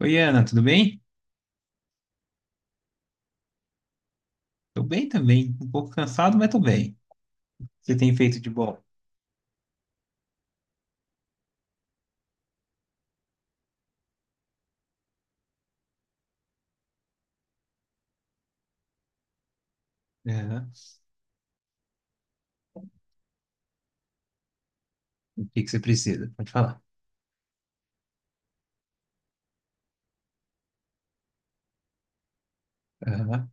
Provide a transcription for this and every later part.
Oi, Ana, tudo bem? Tô bem também. Um pouco cansado, mas tô bem. O que você tem feito de bom? Aham. O que que você precisa? Pode falar. Aham.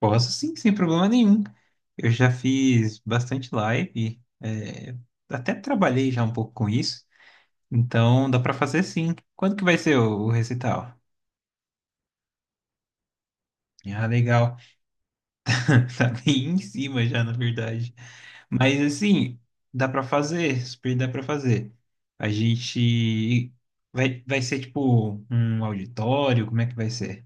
Posso sim, sem problema nenhum. Eu já fiz bastante live, até trabalhei já um pouco com isso, então dá pra fazer sim. Quando que vai ser o recital? Ah, legal. Tá bem em cima já, na verdade. Mas assim, dá pra fazer, super dá pra fazer. A gente vai ser tipo um auditório, como é que vai ser?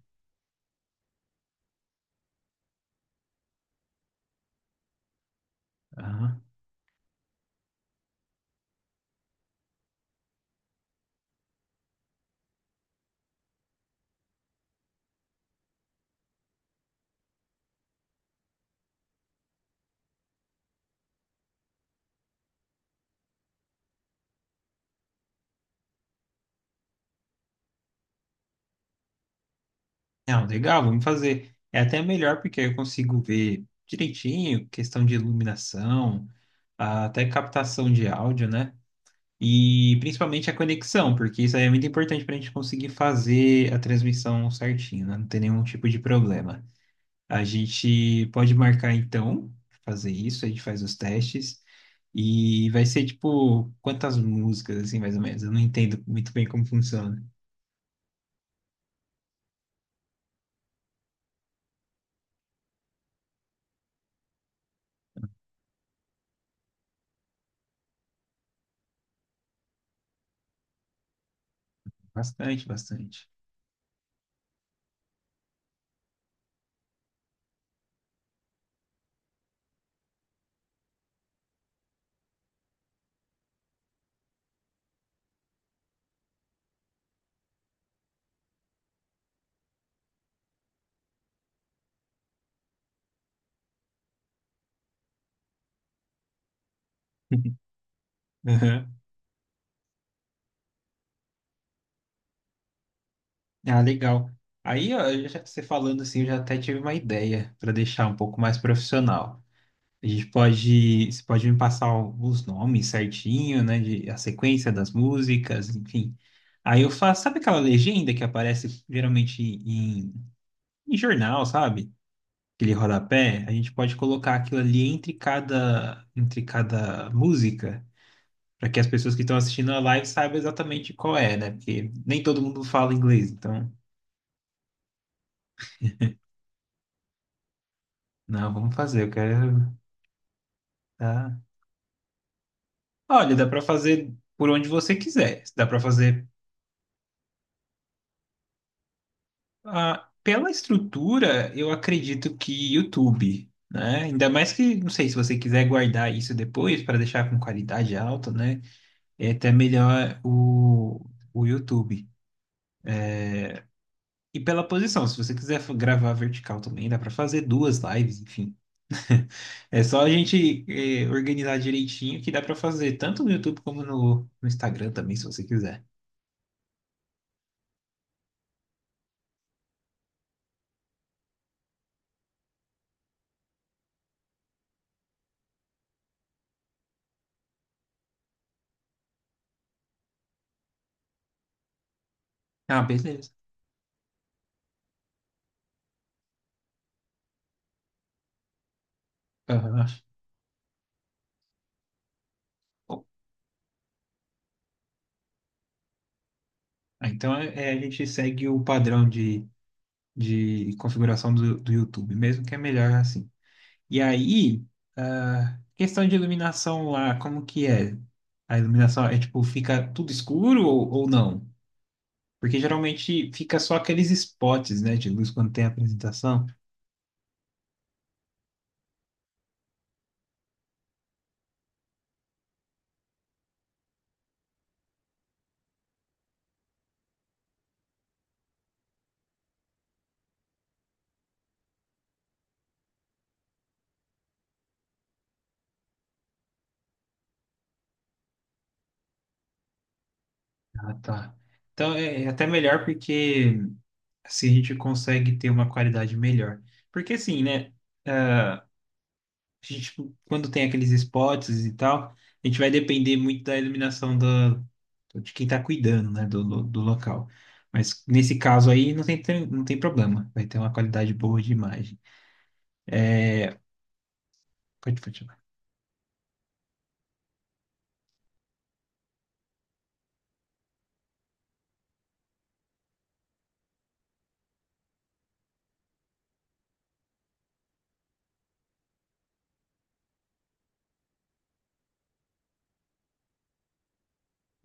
Aham. Não, legal, vamos fazer. É até melhor porque aí eu consigo ver direitinho, questão de iluminação, até captação de áudio, né? E principalmente a conexão, porque isso aí é muito importante para a gente conseguir fazer a transmissão certinho, né? Não ter nenhum tipo de problema. A gente pode marcar então, fazer isso, a gente faz os testes. E vai ser tipo, quantas músicas, assim, mais ou menos? Eu não entendo muito bem como funciona. Bastante, bastante. Aham. Ah, legal. Aí, ó, eu já você falando assim, eu já até tive uma ideia para deixar um pouco mais profissional. A gente pode, você pode me passar os nomes certinho, né, de, a sequência das músicas, enfim. Aí eu faço, sabe aquela legenda que aparece geralmente em em jornal, sabe? Aquele rodapé, a gente pode colocar aquilo ali entre cada música, para que as pessoas que estão assistindo a live saibam exatamente qual é, né? Porque nem todo mundo fala inglês, então, não, vamos fazer, eu quero. Tá? Olha, dá para fazer por onde você quiser. Dá para fazer pela estrutura, eu acredito que YouTube, né? Ainda mais que, não sei, se você quiser guardar isso depois para deixar com qualidade alta, né? É até melhor o YouTube. E pela posição, se você quiser gravar vertical também, dá para fazer duas lives, enfim. É só a gente organizar direitinho que dá para fazer tanto no YouTube como no Instagram também, se você quiser. Ah, beleza. Aham. Bom, então a gente segue o padrão de configuração do YouTube mesmo, que é melhor assim. E aí, questão de iluminação lá, como que é? A iluminação é tipo, fica tudo escuro ou não? Porque geralmente fica só aqueles spots, né, de luz quando tem apresentação. Ah, tá. Então é até melhor porque assim a gente consegue ter uma qualidade melhor. Porque assim, né, ah, a gente, tipo, quando tem aqueles spots e tal, a gente vai depender muito da iluminação de quem está cuidando, né, do local. Mas nesse caso aí não tem, não tem problema, vai ter uma qualidade boa de imagem. Pode, pode.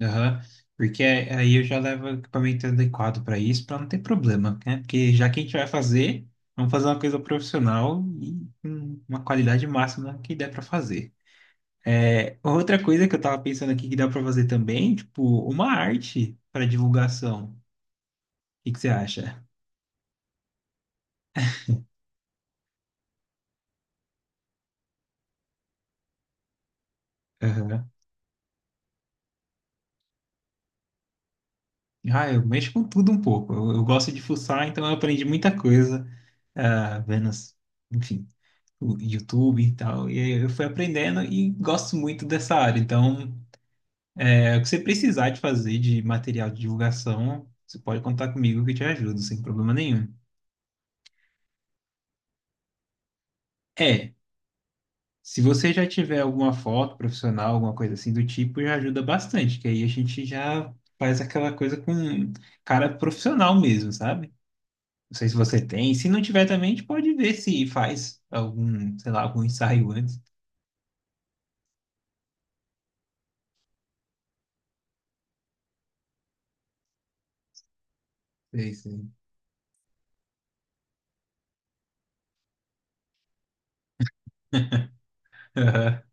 Aham. Porque aí eu já levo o equipamento adequado para isso, para não ter problema, né? Porque já que a gente vai fazer, vamos fazer uma coisa profissional e com uma qualidade máxima que der para fazer. É, outra coisa que eu tava pensando aqui que dá para fazer também, tipo, uma arte para divulgação. O que que você acha? Aham. Ah, eu mexo com tudo um pouco. Eu gosto de fuçar, então eu aprendi muita coisa, vendo, enfim, o YouTube e tal. E aí eu fui aprendendo e gosto muito dessa área. Então. É, o que você precisar de fazer de material de divulgação, você pode contar comigo que eu te ajudo, sem problema nenhum. É, se você já tiver alguma foto profissional, alguma coisa assim do tipo, já ajuda bastante, que aí a gente já faz aquela coisa com cara profissional mesmo, sabe? Não sei se você tem. Se não tiver também, a gente pode ver se faz algum, sei lá, algum ensaio antes. Não sei.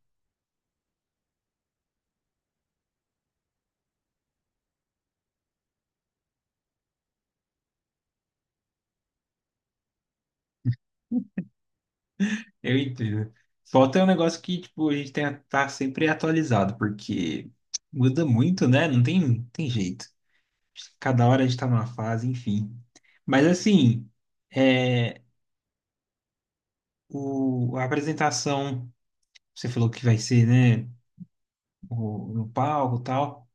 Eu entendo. Foto é um negócio que, tipo, a gente tem que estar sempre atualizado, porque muda muito, né? Não tem, tem jeito. Cada hora a gente tá numa fase, enfim. Mas, assim, é, a apresentação, você falou que vai ser, né? No palco e tal.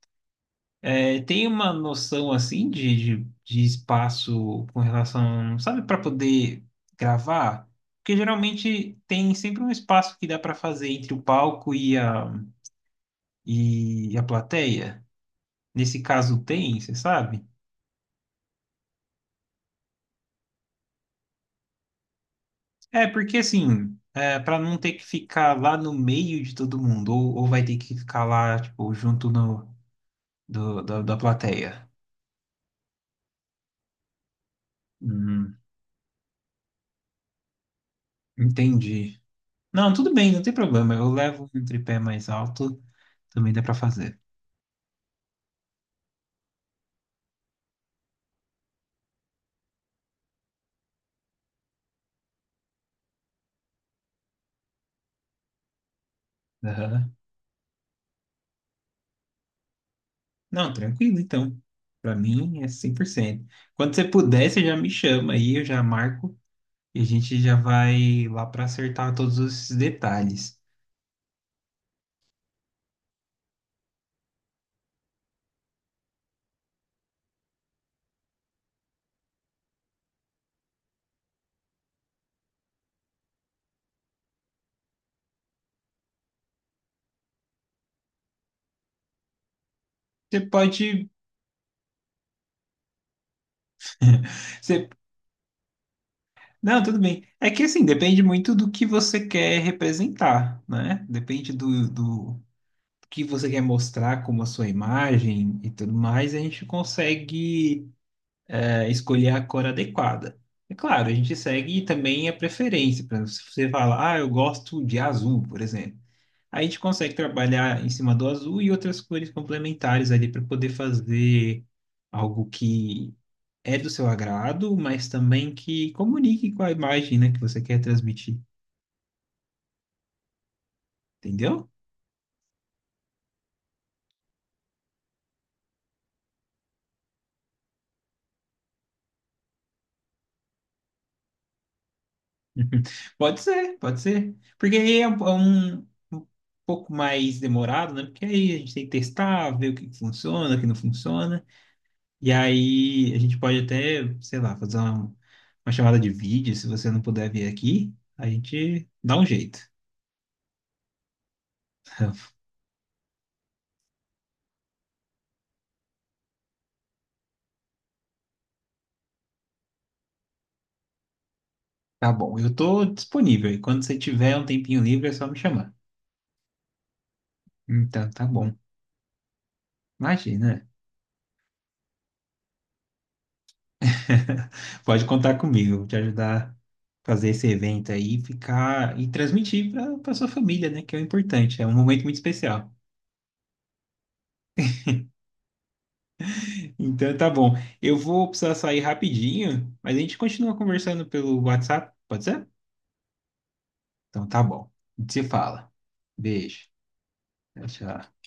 É, tem uma noção, assim, de espaço com relação, sabe, para poder gravar? Porque geralmente tem sempre um espaço que dá para fazer entre o palco e a. E a plateia? Nesse caso tem, você sabe? É, porque assim, é, para não ter que ficar lá no meio de todo mundo, ou vai ter que ficar lá, tipo, junto no, da plateia. Hum, entendi. Não, tudo bem, não tem problema. Eu levo um tripé mais alto, também dá pra fazer. Aham. Não, tranquilo, então. Pra mim é 100%. Quando você puder, você já me chama aí, eu já marco e a gente já vai lá pra acertar todos esses detalhes. Você pode. Você... Não, tudo bem. É que assim, depende muito do que você quer representar, né? Depende do que você quer mostrar como a sua imagem e tudo mais, a gente consegue escolher a cor adequada. É claro, a gente segue também a preferência. Por exemplo, se você fala, ah, eu gosto de azul, por exemplo. Aí a gente consegue trabalhar em cima do azul e outras cores complementares ali para poder fazer algo que é do seu agrado, mas também que comunique com a imagem, né, que você quer transmitir, entendeu? Pode ser, pode ser. Porque aí é um um pouco mais demorado, né? Porque aí a gente tem que testar, ver o que que funciona, o que não funciona. E aí a gente pode até, sei lá, fazer uma chamada de vídeo, se você não puder vir aqui, a gente dá um jeito. Tá bom, eu tô disponível. E quando você tiver um tempinho livre, é só me chamar. Então, tá bom. Imagina. Pode contar comigo, te ajudar a fazer esse evento aí, e ficar e transmitir para sua família, né? Que é o importante, é um momento muito especial. Então tá bom. Eu vou precisar sair rapidinho, mas a gente continua conversando pelo WhatsApp, pode ser? Então tá bom. A gente se fala. Beijo. Tchau, tchau.